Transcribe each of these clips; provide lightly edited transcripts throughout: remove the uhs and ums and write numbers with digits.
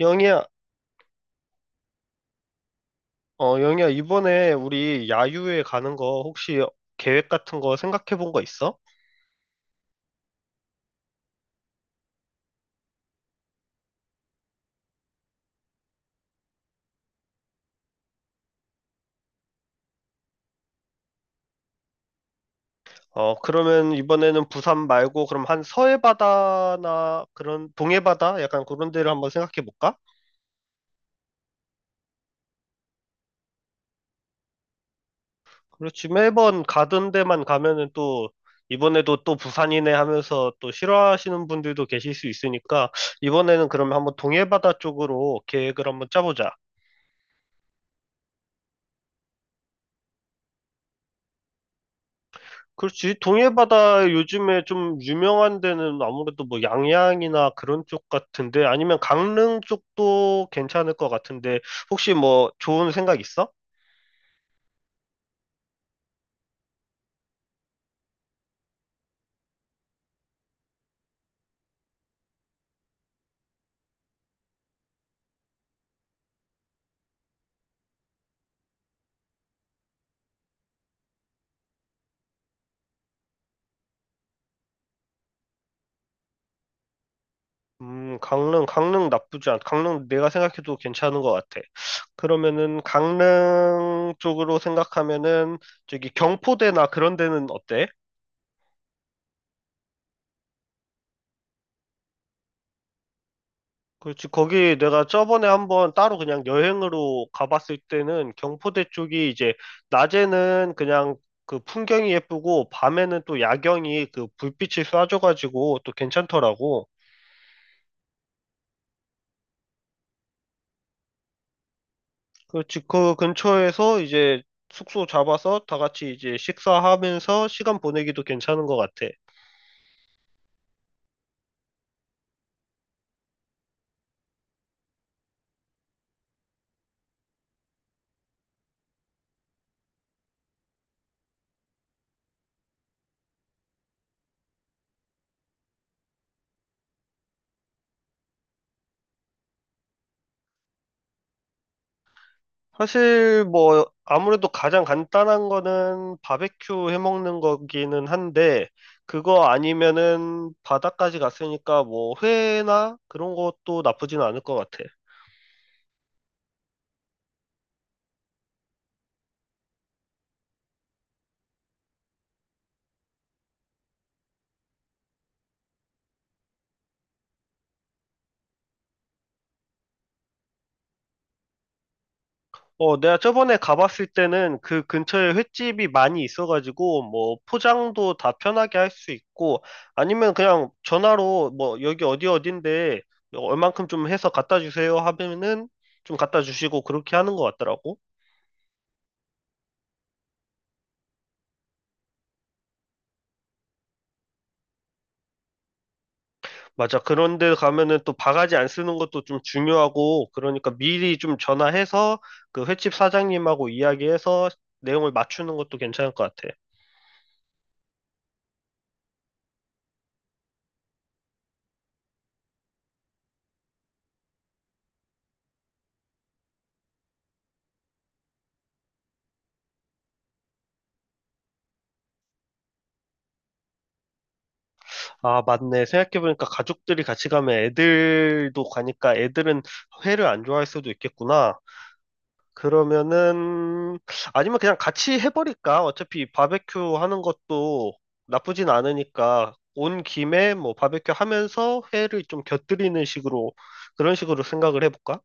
영희야, 영희야, 이번에 우리 야유회 가는 거 혹시 계획 같은 거 생각해 본 거 있어? 그러면 이번에는 부산 말고 그럼 한 서해 바다나 그런 동해 바다 약간 그런 데를 한번 생각해 볼까? 그렇지, 매번 가던 데만 가면은 또 이번에도 또 부산이네 하면서 또 싫어하시는 분들도 계실 수 있으니까 이번에는 그러면 한번 동해 바다 쪽으로 계획을 한번 짜보자. 그렇지. 동해바다 요즘에 좀 유명한 데는 아무래도 뭐 양양이나 그런 쪽 같은데 아니면 강릉 쪽도 괜찮을 것 같은데 혹시 뭐 좋은 생각 있어? 강릉, 강릉 나쁘지 않, 강릉 내가 생각해도 괜찮은 것 같아. 그러면은 강릉 쪽으로 생각하면은 저기 경포대나 그런 데는 어때? 그렇지. 거기 내가 저번에 한번 따로 그냥 여행으로 가봤을 때는 경포대 쪽이 이제 낮에는 그냥 그 풍경이 예쁘고 밤에는 또 야경이 그 불빛이 쏴줘가지고 또 괜찮더라고. 그렇지. 그 근처에서 이제 숙소 잡아서 다 같이 이제 식사하면서 시간 보내기도 괜찮은 것 같아. 사실 뭐 아무래도 가장 간단한 거는 바베큐 해 먹는 거기는 한데 그거 아니면은 바다까지 갔으니까 뭐 회나 그런 것도 나쁘진 않을 것 같아. 내가 저번에 가봤을 때는 그 근처에 횟집이 많이 있어가지고 뭐 포장도 다 편하게 할 수 있고 아니면 그냥 전화로 뭐 여기 어디 어딘데 얼만큼 좀 해서 갖다 주세요 하면은 좀 갖다 주시고 그렇게 하는 것 같더라고. 맞아. 그런데 가면은 또 바가지 안 쓰는 것도 좀 중요하고, 그러니까 미리 좀 전화해서 그 횟집 사장님하고 이야기해서 내용을 맞추는 것도 괜찮을 것 같아. 아, 맞네. 생각해보니까 가족들이 같이 가면 애들도 가니까 애들은 회를 안 좋아할 수도 있겠구나. 그러면은, 아니면 그냥 같이 해버릴까? 어차피 바베큐 하는 것도 나쁘진 않으니까. 온 김에 뭐 바베큐 하면서 회를 좀 곁들이는 식으로, 그런 식으로 생각을 해볼까?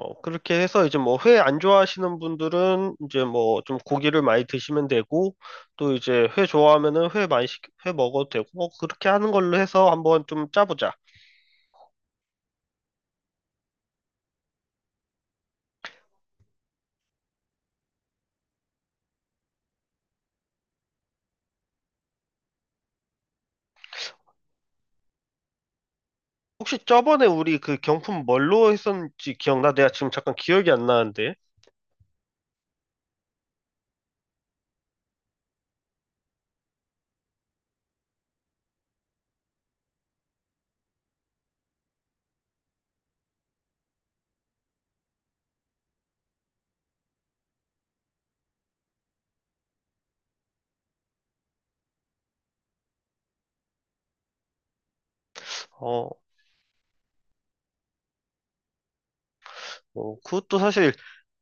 그렇게 해서 이제 뭐 회 안 좋아하시는 분들은 이제 뭐 좀 고기를 많이 드시면 되고 또 이제 회 좋아하면은 회 많이 회 먹어도 되고 뭐 그렇게 하는 걸로 해서 한번 좀 짜보자. 혹시 저번에 우리 그 경품 뭘로 했었는지 기억나? 내가 지금 잠깐 기억이 안 나는데. 어, 그것도 사실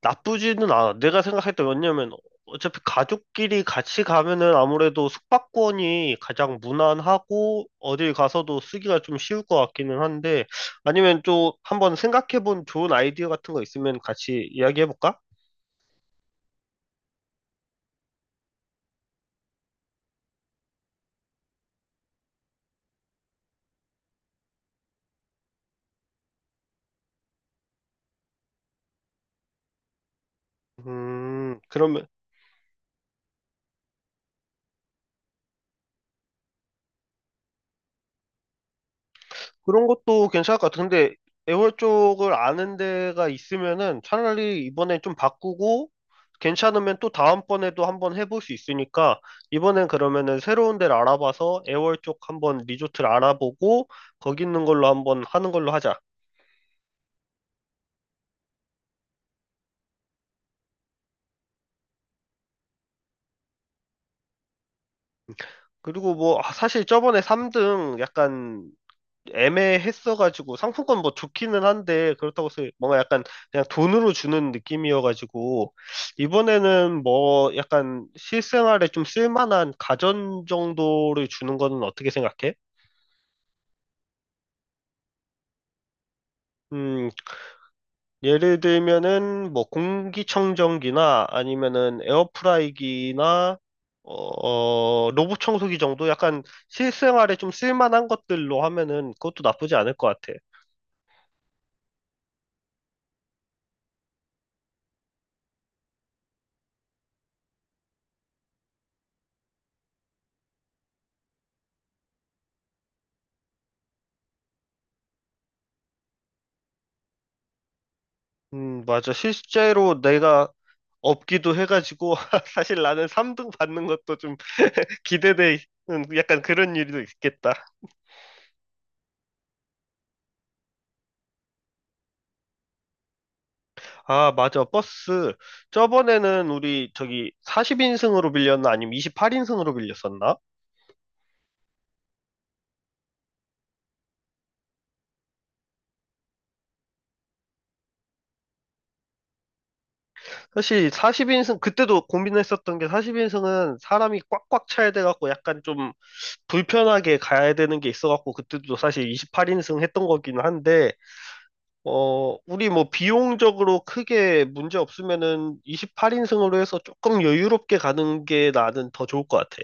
나쁘지는 않아. 내가 생각했던 게 왜냐면 어차피 가족끼리 같이 가면은 아무래도 숙박권이 가장 무난하고 어딜 가서도 쓰기가 좀 쉬울 것 같기는 한데 아니면 또 한번 생각해본 좋은 아이디어 같은 거 있으면 같이 이야기해볼까? 그러면 그런 것도 괜찮을 것 같아. 근데 애월 쪽을 아는 데가 있으면은 차라리 이번엔 좀 바꾸고 괜찮으면 또 다음번에도 한번 해볼 수 있으니까 이번엔 그러면은 새로운 데를 알아봐서 애월 쪽 한번 리조트를 알아보고 거기 있는 걸로 한번 하는 걸로 하자. 그리고 뭐 사실 저번에 3등 약간 애매했어가지고 상품권 뭐 좋기는 한데 그렇다고 해서 뭔가 약간 그냥 돈으로 주는 느낌이어가지고 이번에는 뭐 약간 실생활에 좀 쓸만한 가전 정도를 주는 거는 어떻게 생각해? 음, 예를 들면은 뭐 공기청정기나 아니면은 에어프라이기나 어, 로봇 청소기 정도 약간 실생활에 좀 쓸만한 것들로 하면은 그것도 나쁘지 않을 것 같아. 맞아. 실제로 내가 없기도 해가지고 사실 나는 3등 받는 것도 좀 기대돼 있는 약간 그런 일도 있겠다. 아, 맞아. 버스. 저번에는 우리 저기 40인승으로 빌렸나 아니면 28인승으로 빌렸었나? 사실 40인승 그때도 고민했었던 게 40인승은 사람이 꽉꽉 차야 돼 갖고 약간 좀 불편하게 가야 되는 게 있어 갖고 그때도 사실 28인승 했던 거긴 한데 우리 뭐 비용적으로 크게 문제 없으면은 28인승으로 해서 조금 여유롭게 가는 게 나는 더 좋을 것 같아.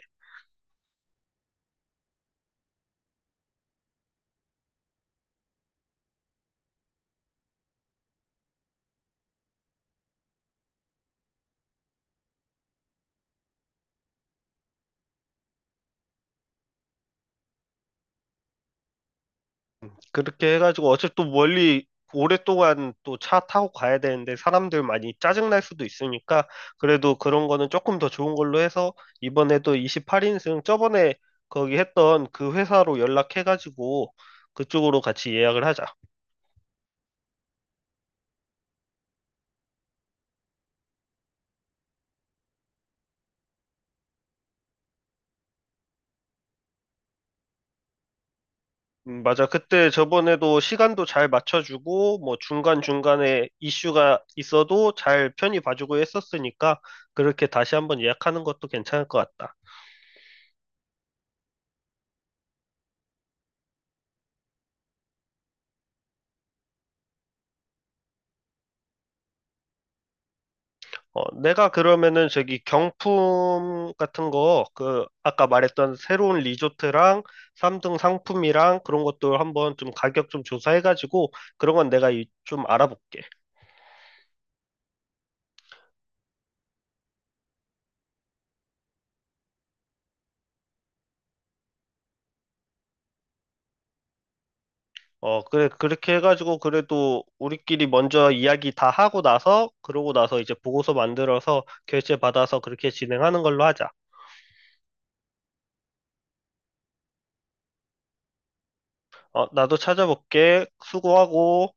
그렇게 해가지고 어차피 또 멀리 오랫동안 또 차 타고 가야 되는데 사람들 많이 짜증날 수도 있으니까 그래도 그런 거는 조금 더 좋은 걸로 해서 이번에도 28인승 저번에 거기 했던 그 회사로 연락해가지고 그쪽으로 같이 예약을 하자. 맞아. 그때 저번에도 시간도 잘 맞춰주고, 뭐 중간중간에 이슈가 있어도 잘 편히 봐주고 했었으니까, 그렇게 다시 한번 예약하는 것도 괜찮을 것 같다. 내가 그러면은 저기 경품 같은 거, 그, 아까 말했던 새로운 리조트랑 3등 상품이랑 그런 것도 한번 좀 가격 좀 조사해가지고, 그런 건 내가 좀 알아볼게. 그래, 그렇게 해가지고, 그래도 우리끼리 먼저 이야기 다 하고 나서, 그러고 나서 이제 보고서 만들어서 결제 받아서 그렇게 진행하는 걸로 하자. 나도 찾아볼게. 수고하고.